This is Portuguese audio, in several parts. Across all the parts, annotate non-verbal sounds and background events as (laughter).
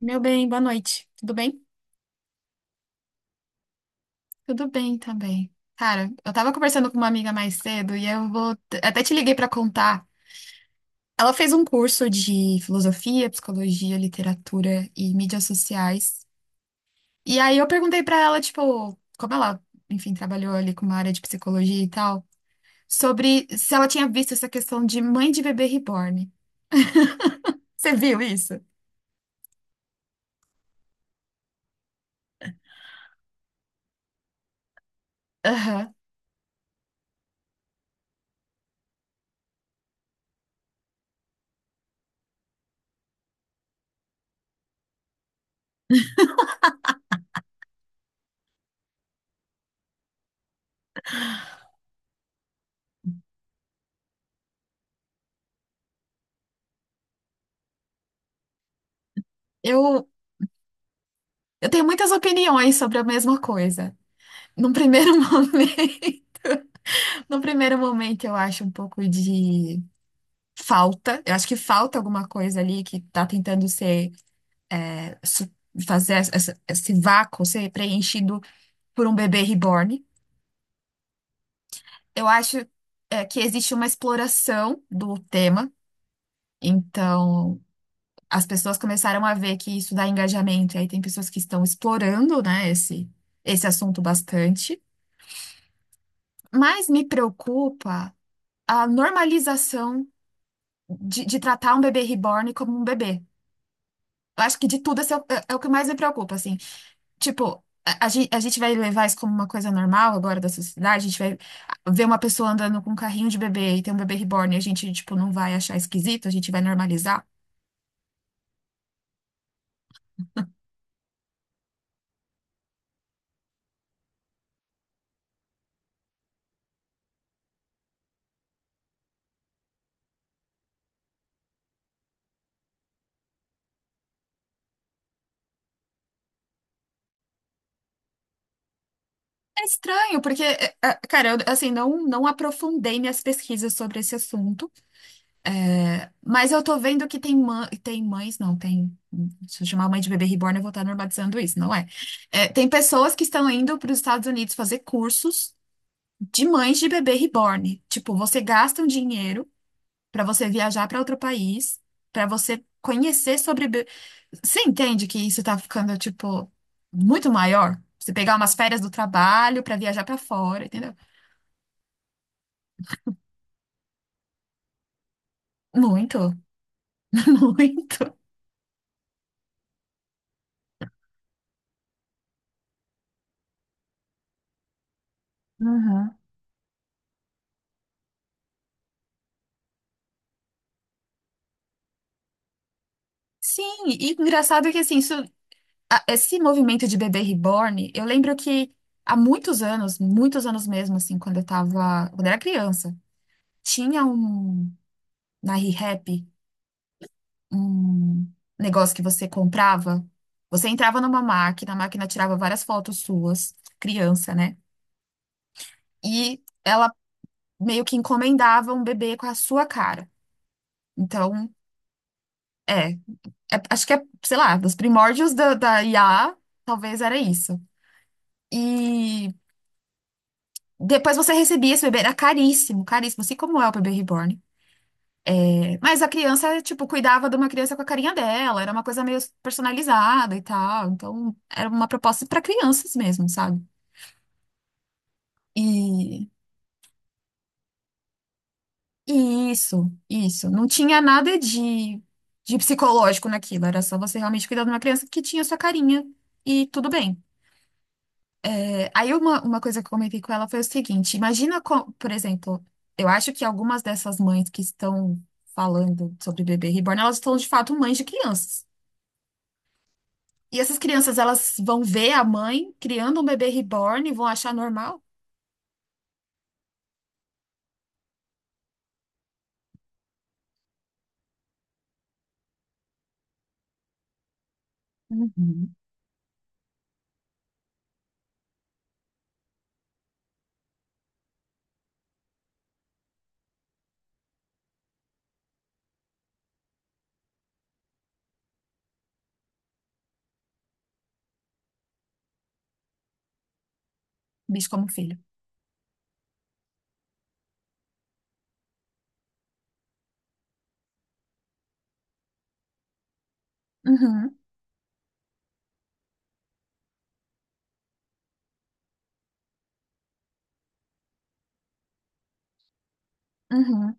Meu bem, boa noite. Tudo bem? Tudo bem também. Cara, eu tava conversando com uma amiga mais cedo e eu vou até te liguei pra contar. Ela fez um curso de filosofia, psicologia, literatura e mídias sociais. E aí eu perguntei pra ela, tipo, como ela, enfim, trabalhou ali com uma área de psicologia e tal, sobre se ela tinha visto essa questão de mãe de bebê reborn. Você viu isso? Aham. Eu, eu tenho muitas opiniões sobre a mesma coisa. Num primeiro (laughs) momento. No primeiro momento, eu acho um pouco de falta. Eu acho que falta alguma coisa ali que está tentando ser, é, su- fazer esse vácuo ser preenchido por um bebê reborn. Eu acho, que existe uma exploração do tema. Então, as pessoas começaram a ver que isso dá engajamento. E aí tem pessoas que estão explorando, né, esse assunto bastante. Mas me preocupa a normalização de tratar um bebê reborn como um bebê. Eu acho que de tudo esse é o, é é o que mais me preocupa, assim. Tipo, a gente vai levar isso como uma coisa normal agora da sociedade, a gente vai ver uma pessoa andando com um carrinho de bebê e tem um bebê reborn e a gente, tipo, não vai achar esquisito, a gente vai normalizar. É estranho, porque, cara, eu, assim, não aprofundei minhas pesquisas sobre esse assunto, mas eu tô vendo que tem, tem mães, não, tem. Se eu chamar mãe de bebê reborn, eu vou estar normalizando isso, não é? É, tem pessoas que estão indo para os Estados Unidos fazer cursos de mães de bebê reborn. Tipo, você gasta um dinheiro pra você viajar pra outro país, pra você conhecer Você entende que isso tá ficando, tipo, muito maior? Você pegar umas férias do trabalho pra viajar pra fora, entendeu? Muito, (laughs) muito. Uhum. Sim, e engraçado que assim, isso, esse movimento de bebê reborn, eu lembro que há muitos anos mesmo, assim, quando eu era criança, tinha um na ReHap um negócio que você comprava. Você entrava numa máquina, a máquina tirava várias fotos suas, criança, né? E ela meio que encomendava um bebê com a sua cara. Então, é, é- acho que é, sei lá, dos primórdios da IA, talvez era isso. E depois você recebia esse bebê, era caríssimo, caríssimo, assim como é o bebê reborn. É, mas a criança, tipo, cuidava de uma criança com a carinha dela, era uma coisa meio personalizada e tal. Então, era uma proposta para crianças mesmo, sabe? E, e isso, isso. Não tinha nada de, de psicológico naquilo, era só você realmente cuidar de uma criança que tinha sua carinha e tudo bem. É, aí uma coisa que eu comentei com ela foi o seguinte: imagina, por exemplo, eu acho que algumas dessas mães que estão falando sobre bebê reborn, elas estão de fato mães de crianças. E essas crianças, elas vão ver a mãe criando um bebê reborn e vão achar normal? Uhum. Bicho como filho. Uhum, uhum.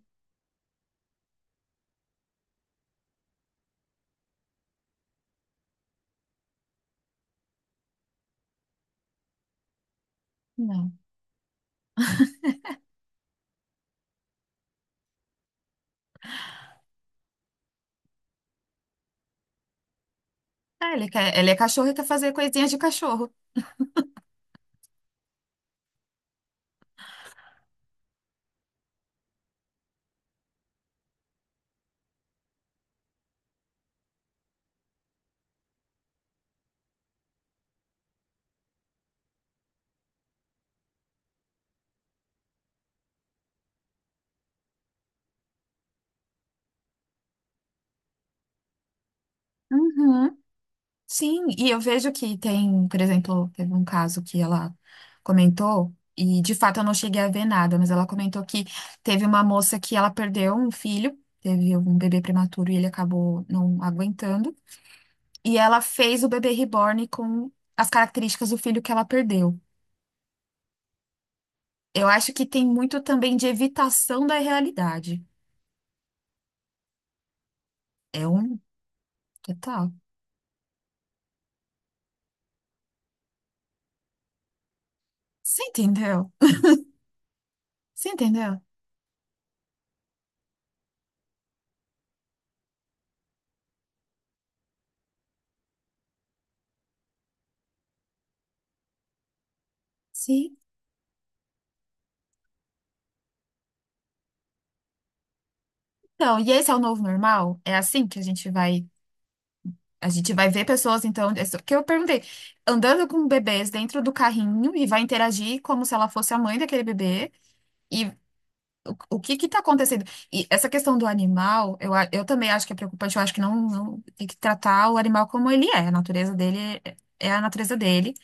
Não. Ah, ele quer, ele é cachorro e quer fazer coisinhas de cachorro. Uhum. Sim, e eu vejo que tem, por exemplo, teve um caso que ela comentou, e de fato eu não cheguei a ver nada, mas ela comentou que teve uma moça que ela perdeu um filho, teve um bebê prematuro e ele acabou não aguentando, e ela fez o bebê reborn com as características do filho que ela perdeu. Eu acho que tem muito também de evitação da realidade. É um total. Você entendeu? Você entendeu? Sim. Então, e esse é o novo normal? É assim que a gente vai ver pessoas, então, que eu perguntei, andando com bebês dentro do carrinho e vai interagir como se ela fosse a mãe daquele bebê, e o que que tá acontecendo? E essa questão do animal, eu também acho que é preocupante, eu acho que tem que tratar o animal como ele é, a natureza dele é a natureza dele,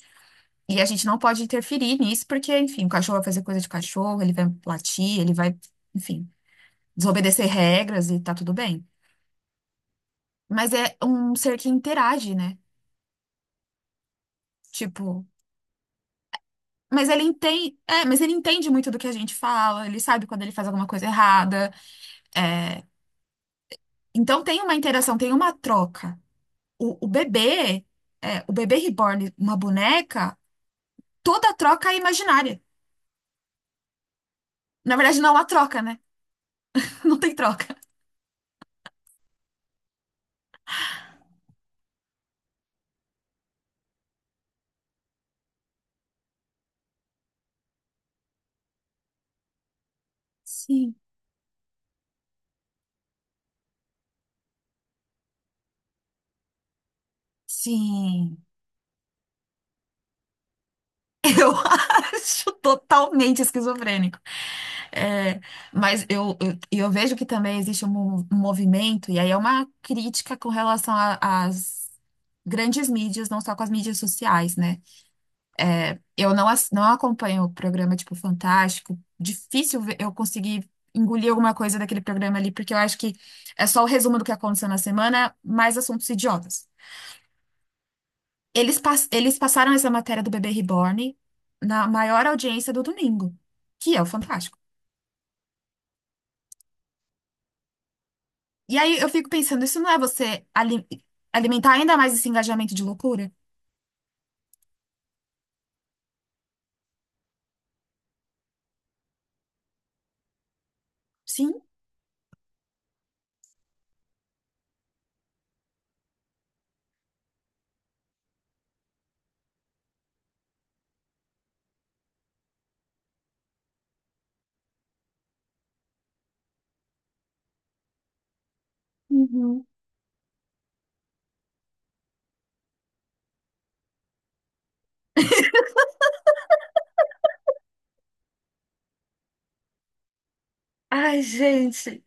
e a gente não pode interferir nisso, porque, enfim, o cachorro vai fazer coisa de cachorro, ele vai latir, ele vai, enfim, desobedecer regras e tá tudo bem. Mas é um ser que interage, né? Tipo, mas ele entende, mas ele entende muito do que a gente fala, ele sabe quando ele faz alguma coisa errada. É. Então tem uma interação, tem uma troca. O bebê, o bebê reborn, uma boneca, toda troca é imaginária. Na verdade, não há troca, né? (laughs) Não tem troca. Sim. Sim. Eu (laughs) acho totalmente esquizofrênico. É, mas eu, eu, eu vejo que também existe um um movimento, e aí é uma crítica com relação às grandes mídias, não só com as mídias sociais, né? Eu não, ass- não acompanho o programa tipo Fantástico, difícil eu conseguir engolir alguma coisa daquele programa ali, porque eu acho que é só o resumo do que aconteceu na semana, mais assuntos idiotas. Eles passaram essa matéria do bebê reborn na maior audiência do domingo, que é o Fantástico. E aí eu fico pensando, isso não é você alimentar ainda mais esse engajamento de loucura? Sim. Ah, sim.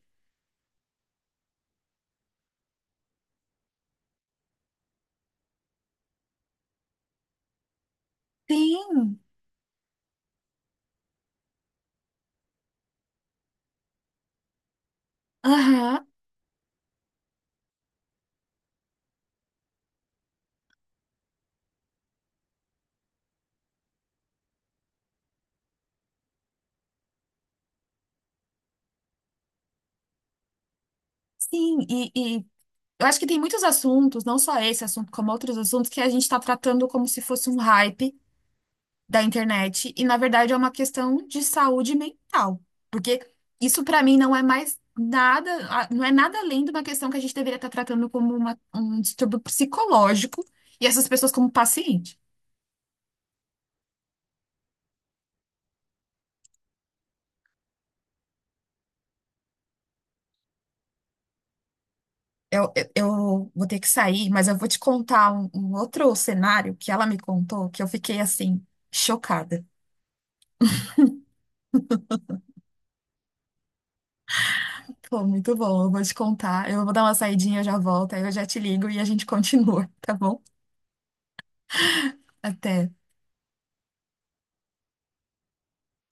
Sim, aham, sim, e eu acho que tem muitos assuntos, não só esse assunto, como outros assuntos, que a gente está tratando como se fosse um hype da internet, e na verdade é uma questão de saúde mental, porque isso para mim não é mais nada, não é nada além de uma questão que a gente deveria estar tratando como um distúrbio psicológico, e essas pessoas como paciente. Eu vou ter que sair, mas eu vou te contar um outro cenário que ela me contou, que eu fiquei assim, chocada. Pô, muito bom, eu vou te contar. Eu vou dar uma saidinha, eu já volto, aí eu já te ligo e a gente (laughs) continua, tá bom? Até.